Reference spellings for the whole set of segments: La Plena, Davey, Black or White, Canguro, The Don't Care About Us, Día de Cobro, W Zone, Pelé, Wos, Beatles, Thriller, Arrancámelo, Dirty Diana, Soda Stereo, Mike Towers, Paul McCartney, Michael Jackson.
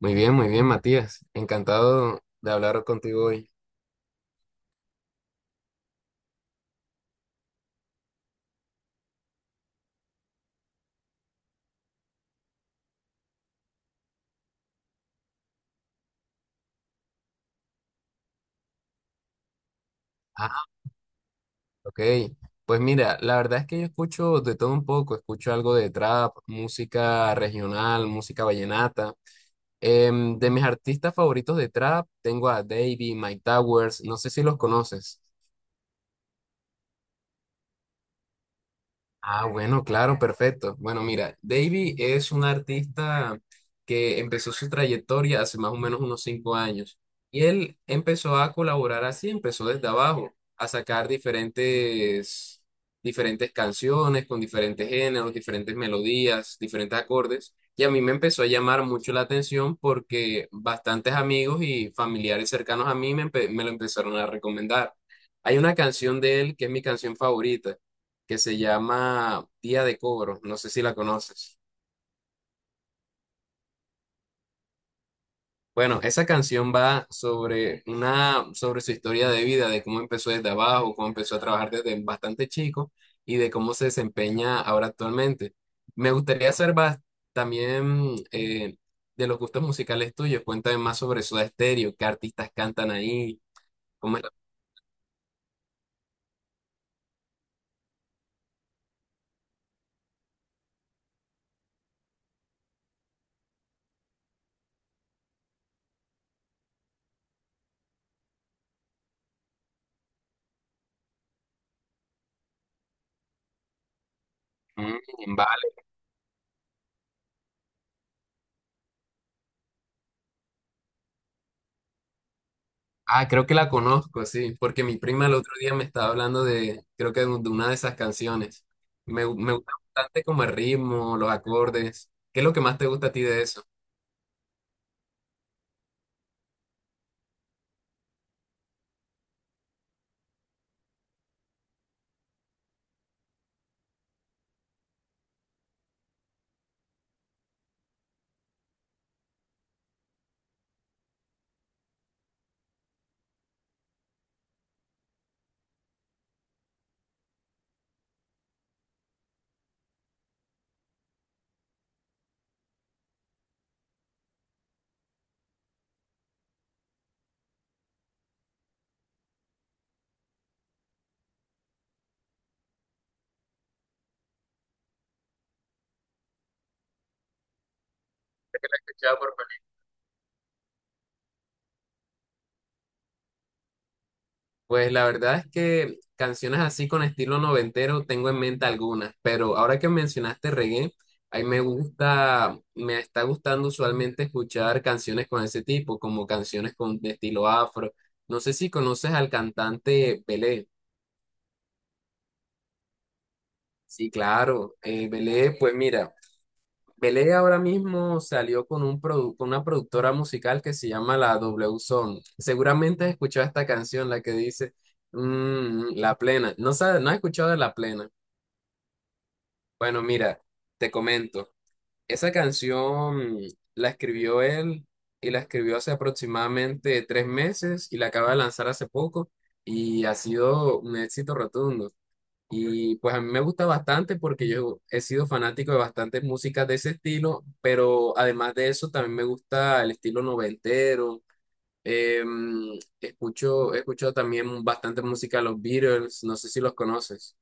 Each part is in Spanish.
Muy bien, Matías. Encantado de hablar contigo hoy. Ah, ok. Pues mira, la verdad es que yo escucho de todo un poco. Escucho algo de trap, música regional, música vallenata. De mis artistas favoritos de trap, tengo a Davey, Mike Towers. No sé si los conoces. Ah, bueno, claro, perfecto. Bueno, mira, Davy es un artista que empezó su trayectoria hace más o menos unos 5 años y él empezó a colaborar así, empezó desde abajo, a sacar diferentes, diferentes canciones con diferentes géneros, diferentes melodías, diferentes acordes y a mí me empezó a llamar mucho la atención porque bastantes amigos y familiares cercanos a mí me lo empezaron a recomendar. Hay una canción de él que es mi canción favorita que se llama Día de Cobro, no sé si la conoces. Bueno, esa canción va sobre una, sobre su historia de vida, de cómo empezó desde abajo, cómo empezó a trabajar desde bastante chico y de cómo se desempeña ahora actualmente. Me gustaría saber también, de los gustos musicales tuyos. Cuéntame más sobre Soda Stereo, qué artistas cantan ahí, cómo es la- Mm. Ah, creo que la conozco, sí, porque mi prima el otro día me estaba hablando de, creo que de una de esas canciones. Me gusta bastante como el ritmo, los acordes. ¿Qué es lo que más te gusta a ti de eso? Escuchado por películas. Pues la verdad es que canciones así con estilo noventero tengo en mente algunas, pero ahora que mencionaste reggae, ahí me gusta, me está gustando usualmente escuchar canciones con ese tipo, como canciones con de estilo afro. No sé si conoces al cantante Pelé. Sí, claro. Belé, pues mira, Belé ahora mismo salió con un con una productora musical que se llama la W Zone. Seguramente has escuchado esta canción, la que dice La Plena. No sabes, no has escuchado de La Plena. Bueno, mira, te comento. Esa canción la escribió él y la escribió hace aproximadamente 3 meses y la acaba de lanzar hace poco y ha sido un éxito rotundo. Y pues a mí me gusta bastante porque yo he sido fanático de bastantes músicas de ese estilo, pero además de eso también me gusta el estilo noventero. Eh, escucho también bastante música de los Beatles, no sé si los conoces.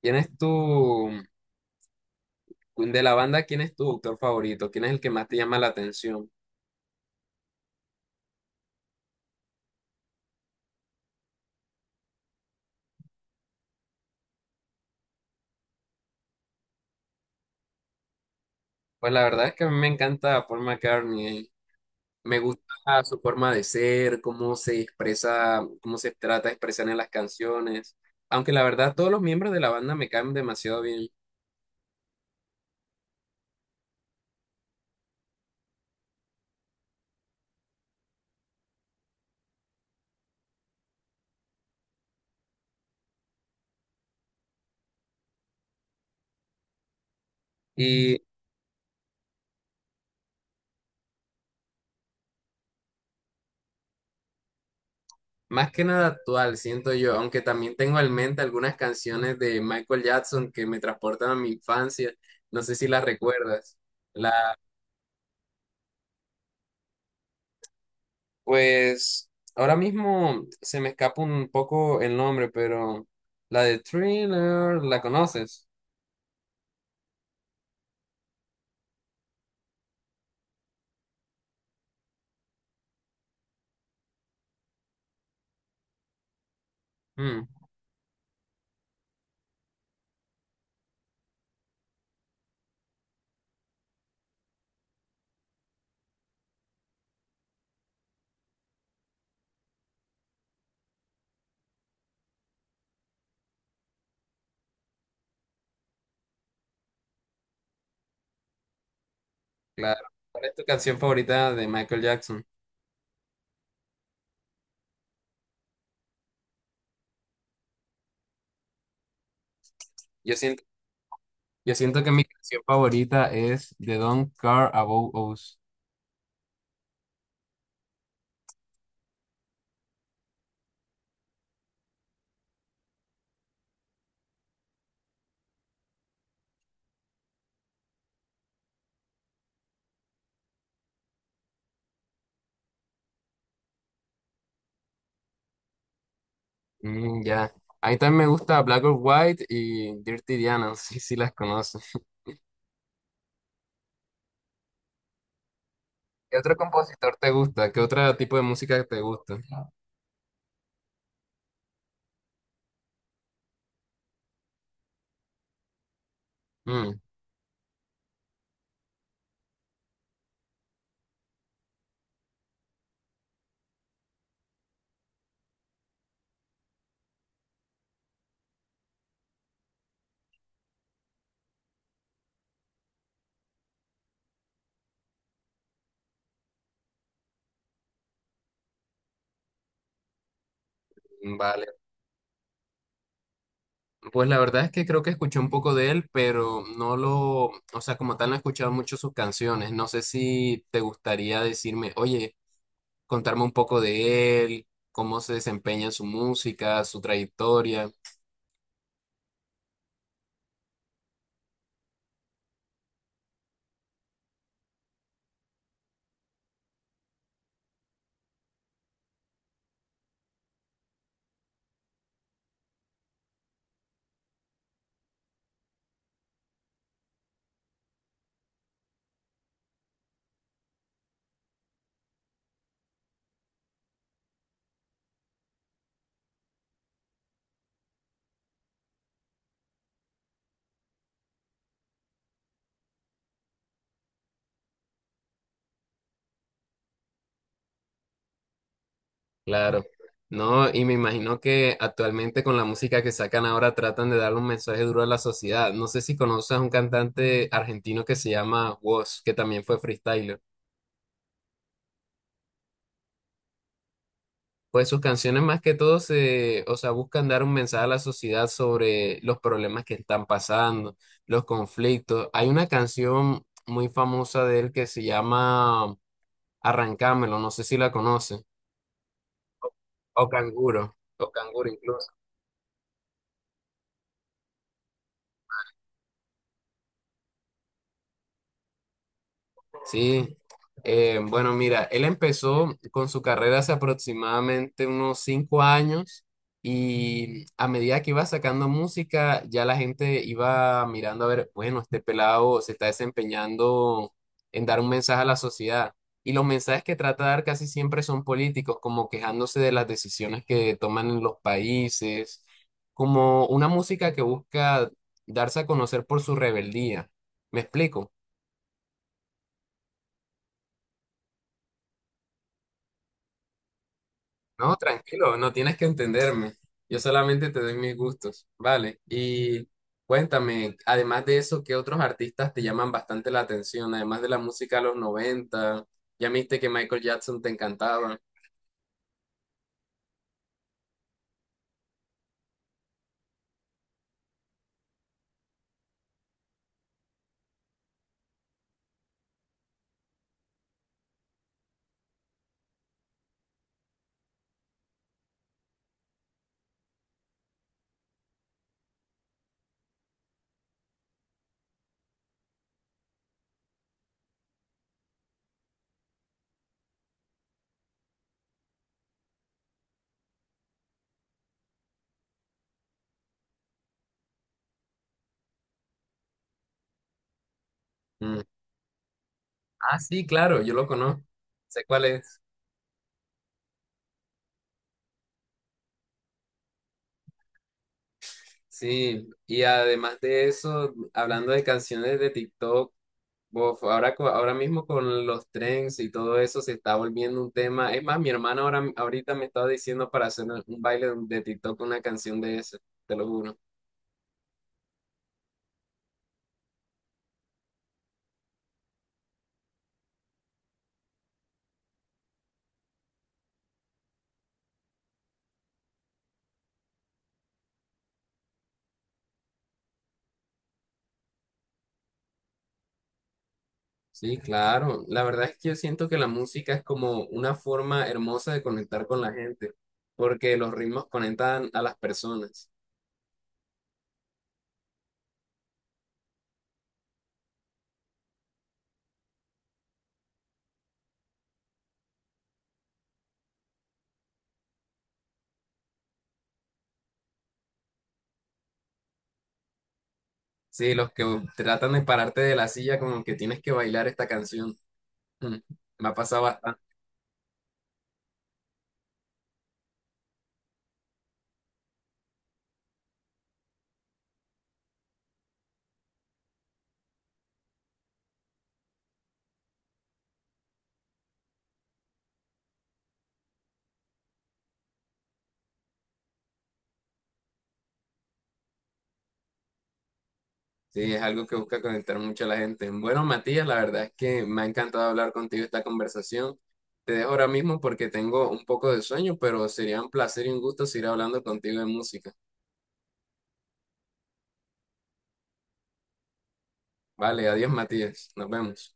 ¿Quién es tu, de la banda, quién es tu autor favorito? ¿Quién es el que más te llama la atención? Pues la verdad es que a mí me encanta Paul McCartney. Me gusta su forma de ser, cómo se expresa, cómo se trata de expresar en las canciones. Aunque la verdad todos los miembros de la banda me caen demasiado bien. Y más que nada actual, siento yo, aunque también tengo en mente algunas canciones de Michael Jackson que me transportan a mi infancia. No sé si las recuerdas. La, pues ahora mismo se me escapa un poco el nombre, pero la de Thriller, ¿la conoces? Mm, claro. ¿Cuál es tu canción favorita de Michael Jackson? Yo siento, yo siento que mi canción favorita es The Don't Care About Us. Mm, ya. A mí también me gusta Black or White y Dirty Diana, no sé si las conoces. ¿Qué otro compositor te gusta? ¿Qué otro tipo de música te gusta? Mm, vale. Pues la verdad es que creo que escuché un poco de él, pero no lo, o sea, como tal no he escuchado mucho sus canciones. No sé si te gustaría decirme, oye, contarme un poco de él, cómo se desempeña en su música, su trayectoria. Claro, no, y me imagino que actualmente con la música que sacan ahora tratan de darle un mensaje duro a la sociedad. No sé si conoces a un cantante argentino que se llama Wos, que también fue freestyler. Pues sus canciones más que todo se, o sea, buscan dar un mensaje a la sociedad sobre los problemas que están pasando, los conflictos. Hay una canción muy famosa de él que se llama Arrancámelo, no sé si la conoces, o Canguro, o Canguro incluso. Sí, bueno, mira, él empezó con su carrera hace aproximadamente unos 5 años y a medida que iba sacando música, ya la gente iba mirando a ver, bueno, este pelado se está desempeñando en dar un mensaje a la sociedad. Y los mensajes que trata de dar casi siempre son políticos, como quejándose de las decisiones que toman en los países, como una música que busca darse a conocer por su rebeldía. ¿Me explico? No, tranquilo, no tienes que entenderme. Yo solamente te doy mis gustos, ¿vale? Y cuéntame, además de eso, ¿qué otros artistas te llaman bastante la atención? Además de la música de los 90. Ya viste que Michael Jackson te encantaba. Mm. Ah, sí, claro, yo lo conozco. Sé cuál es. Sí, y además de eso, hablando de canciones de TikTok, uf, ahora mismo con los trends y todo eso se está volviendo un tema. Es más, mi hermana ahora, ahorita me estaba diciendo para hacer un baile de TikTok una canción de eso, te lo juro. Sí, claro. La verdad es que yo siento que la música es como una forma hermosa de conectar con la gente, porque los ritmos conectan a las personas. Sí, los que tratan de pararte de la silla como que tienes que bailar esta canción. Mm, Me ha pasado. Sí, es algo que busca conectar mucho a la gente. Bueno, Matías, la verdad es que me ha encantado hablar contigo esta conversación. Te dejo ahora mismo porque tengo un poco de sueño, pero sería un placer y un gusto seguir hablando contigo de música. Vale, adiós, Matías. Nos vemos.